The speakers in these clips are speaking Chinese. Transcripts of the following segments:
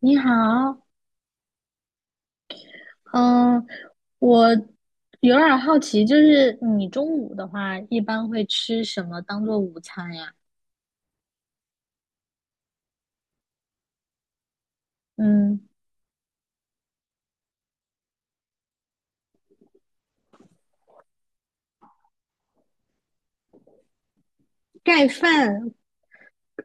你好。嗯，我有点儿好奇，就是你中午的话，一般会吃什么当做午餐呀？嗯。盖饭？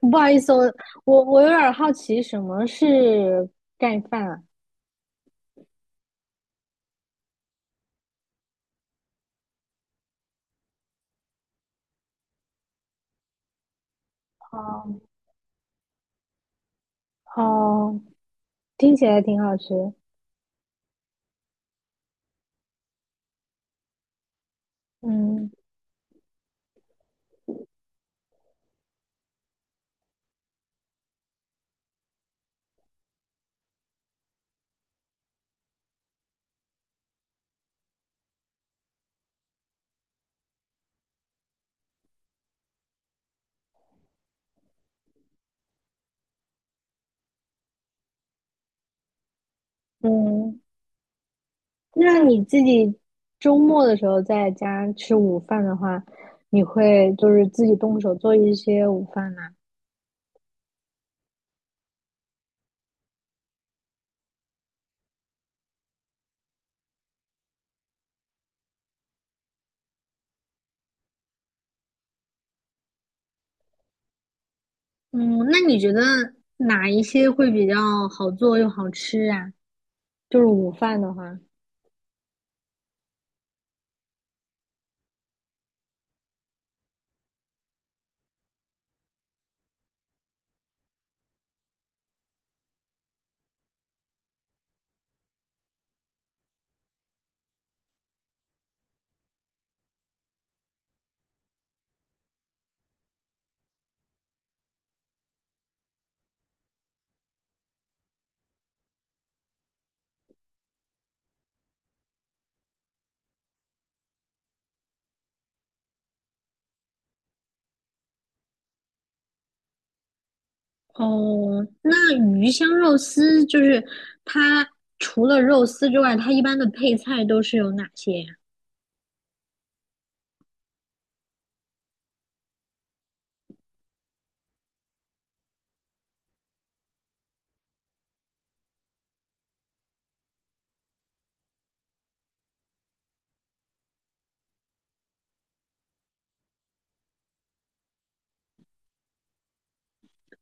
不好意思，我有点儿好奇，什么是盖饭啊？哦哦，听起来挺好吃。嗯。嗯，那你自己周末的时候在家吃午饭的话，你会就是自己动手做一些午饭吗？嗯，那你觉得哪一些会比较好做又好吃啊？就是午饭的话，哦，那鱼香肉丝就是它除了肉丝之外，它一般的配菜都是有哪些呀？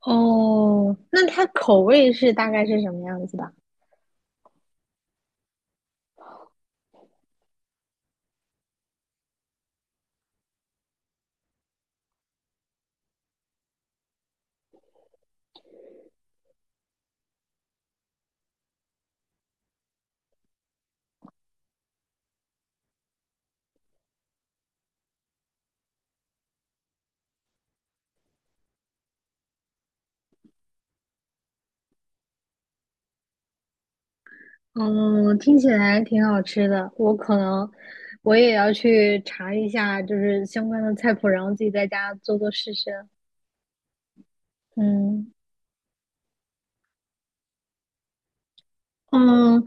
哦，那它口味是大概是什么样子的？嗯，听起来挺好吃的，我可能我也要去查一下，就是相关的菜谱，然后自己在家做做试试。嗯。嗯，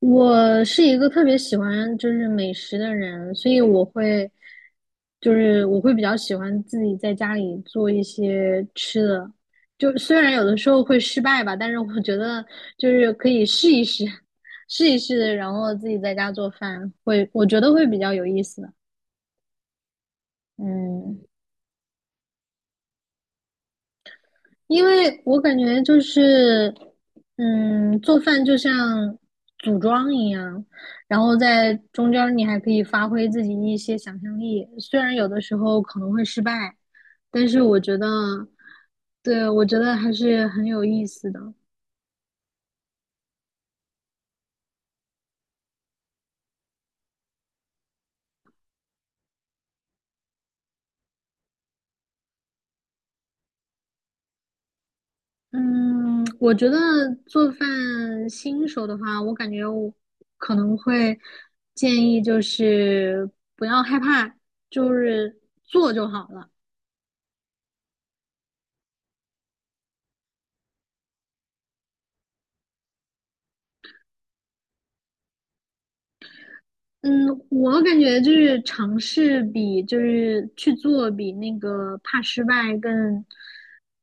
我是一个特别喜欢就是美食的人，所以我会比较喜欢自己在家里做一些吃的，就虽然有的时候会失败吧，但是我觉得就是可以试一试，试一试，然后自己在家做饭会，我觉得会比较有意思的。嗯，因为我感觉就是，做饭就像组装一样，然后在中间儿你还可以发挥自己一些想象力，虽然有的时候可能会失败，但是我觉得，对，我觉得还是很有意思的。嗯，我觉得做饭新手的话，我感觉我可能会建议就是不要害怕，就是做就好了。嗯，我感觉就是尝试比就是去做比那个怕失败更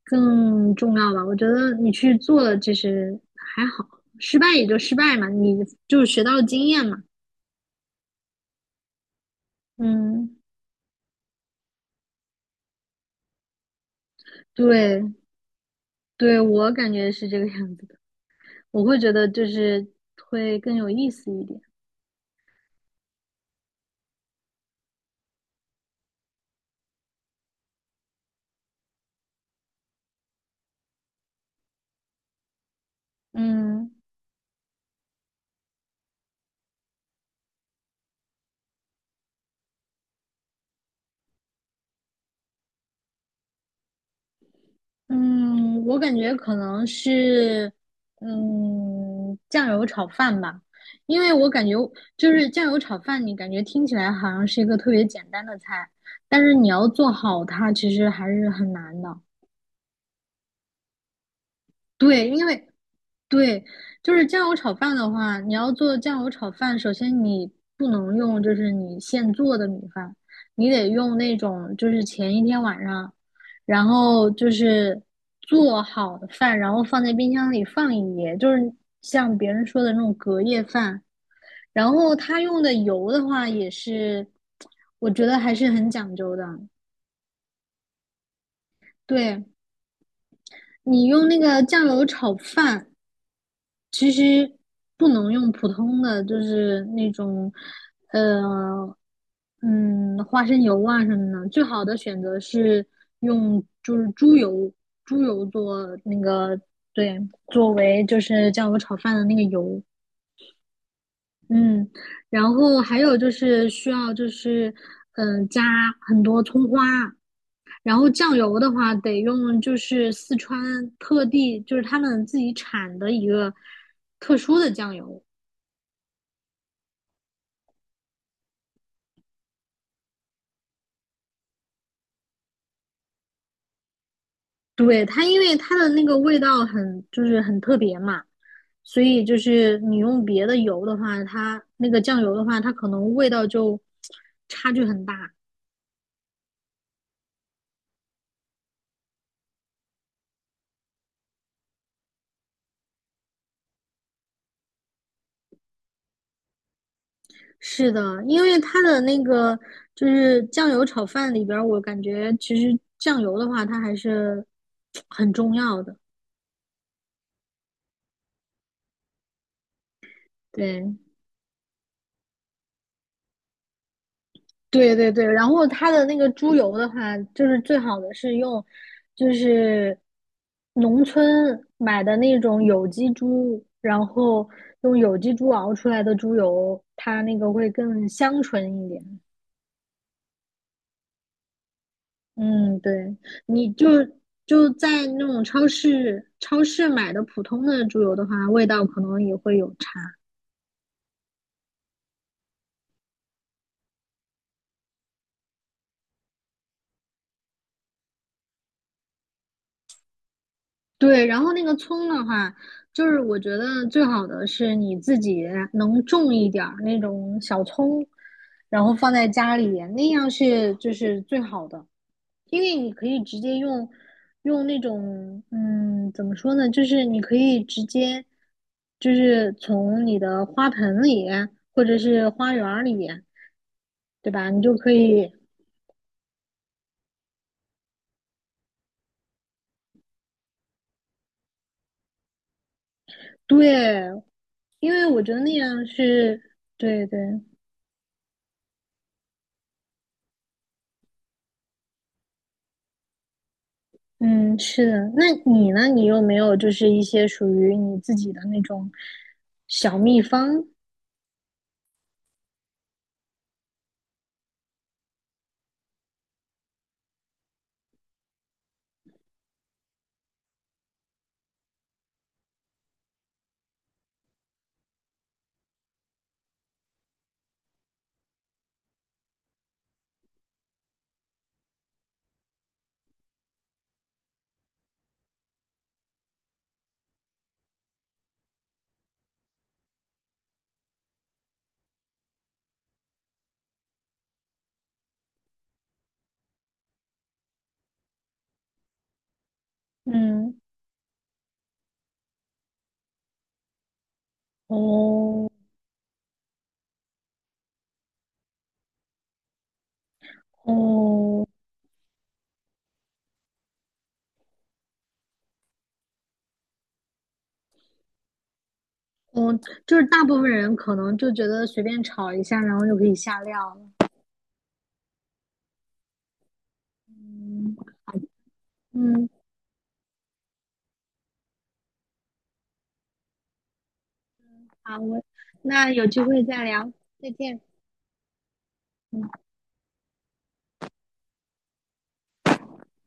更重要吧。我觉得你去做了其实还好，失败也就失败嘛，你就学到了经验嘛。嗯，对对，我感觉是这个样子的。我会觉得就是会更有意思一点。嗯。嗯，我感觉可能是，酱油炒饭吧。因为我感觉就是酱油炒饭，你感觉听起来好像是一个特别简单的菜，但是你要做好它，其实还是很难的。对，因为对，就是酱油炒饭的话，你要做酱油炒饭，首先你不能用就是你现做的米饭，你得用那种就是前一天晚上，然后就是做好的饭，然后放在冰箱里放一夜，就是像别人说的那种隔夜饭。然后他用的油的话，也是我觉得还是很讲究的。对，你用那个酱油炒饭，其实不能用普通的，就是那种，呃，嗯，花生油啊什么的。最好的选择是用就是猪油，猪油做那个，对，作为就是酱油炒饭的那个油。嗯，然后还有就是需要就是，加很多葱花，然后酱油的话，得用就是四川特地就是他们自己产的一个特殊的酱油。对，它因为它的那个味道很就是很特别嘛，所以就是你用别的油的话，它那个酱油的话，它可能味道就差距很大。是的，因为它的那个就是酱油炒饭里边儿，我感觉其实酱油的话，它还是很重要的。对。对对对，然后它的那个猪油的话，就是最好的是用，就是农村买的那种有机猪，然后用有机猪熬出来的猪油，它那个会更香醇一点。嗯，对，你就就在那种超市买的普通的猪油的话，味道可能也会有差。对，然后那个葱的话，就是我觉得最好的是你自己能种一点儿那种小葱，然后放在家里，那样是就是最好的，因为你可以直接用用那种怎么说呢，就是你可以直接就是从你的花盆里或者是花园儿里，对吧？你就可以对，因为我觉得那样是对对。嗯，是的。那你呢？你有没有就是一些属于你自己的那种小秘方？嗯。哦哦哦，就是大部分人可能就觉得随便炒一下，然后就可以下料了。嗯。嗯，好，我那有机会再聊，再见。嗯。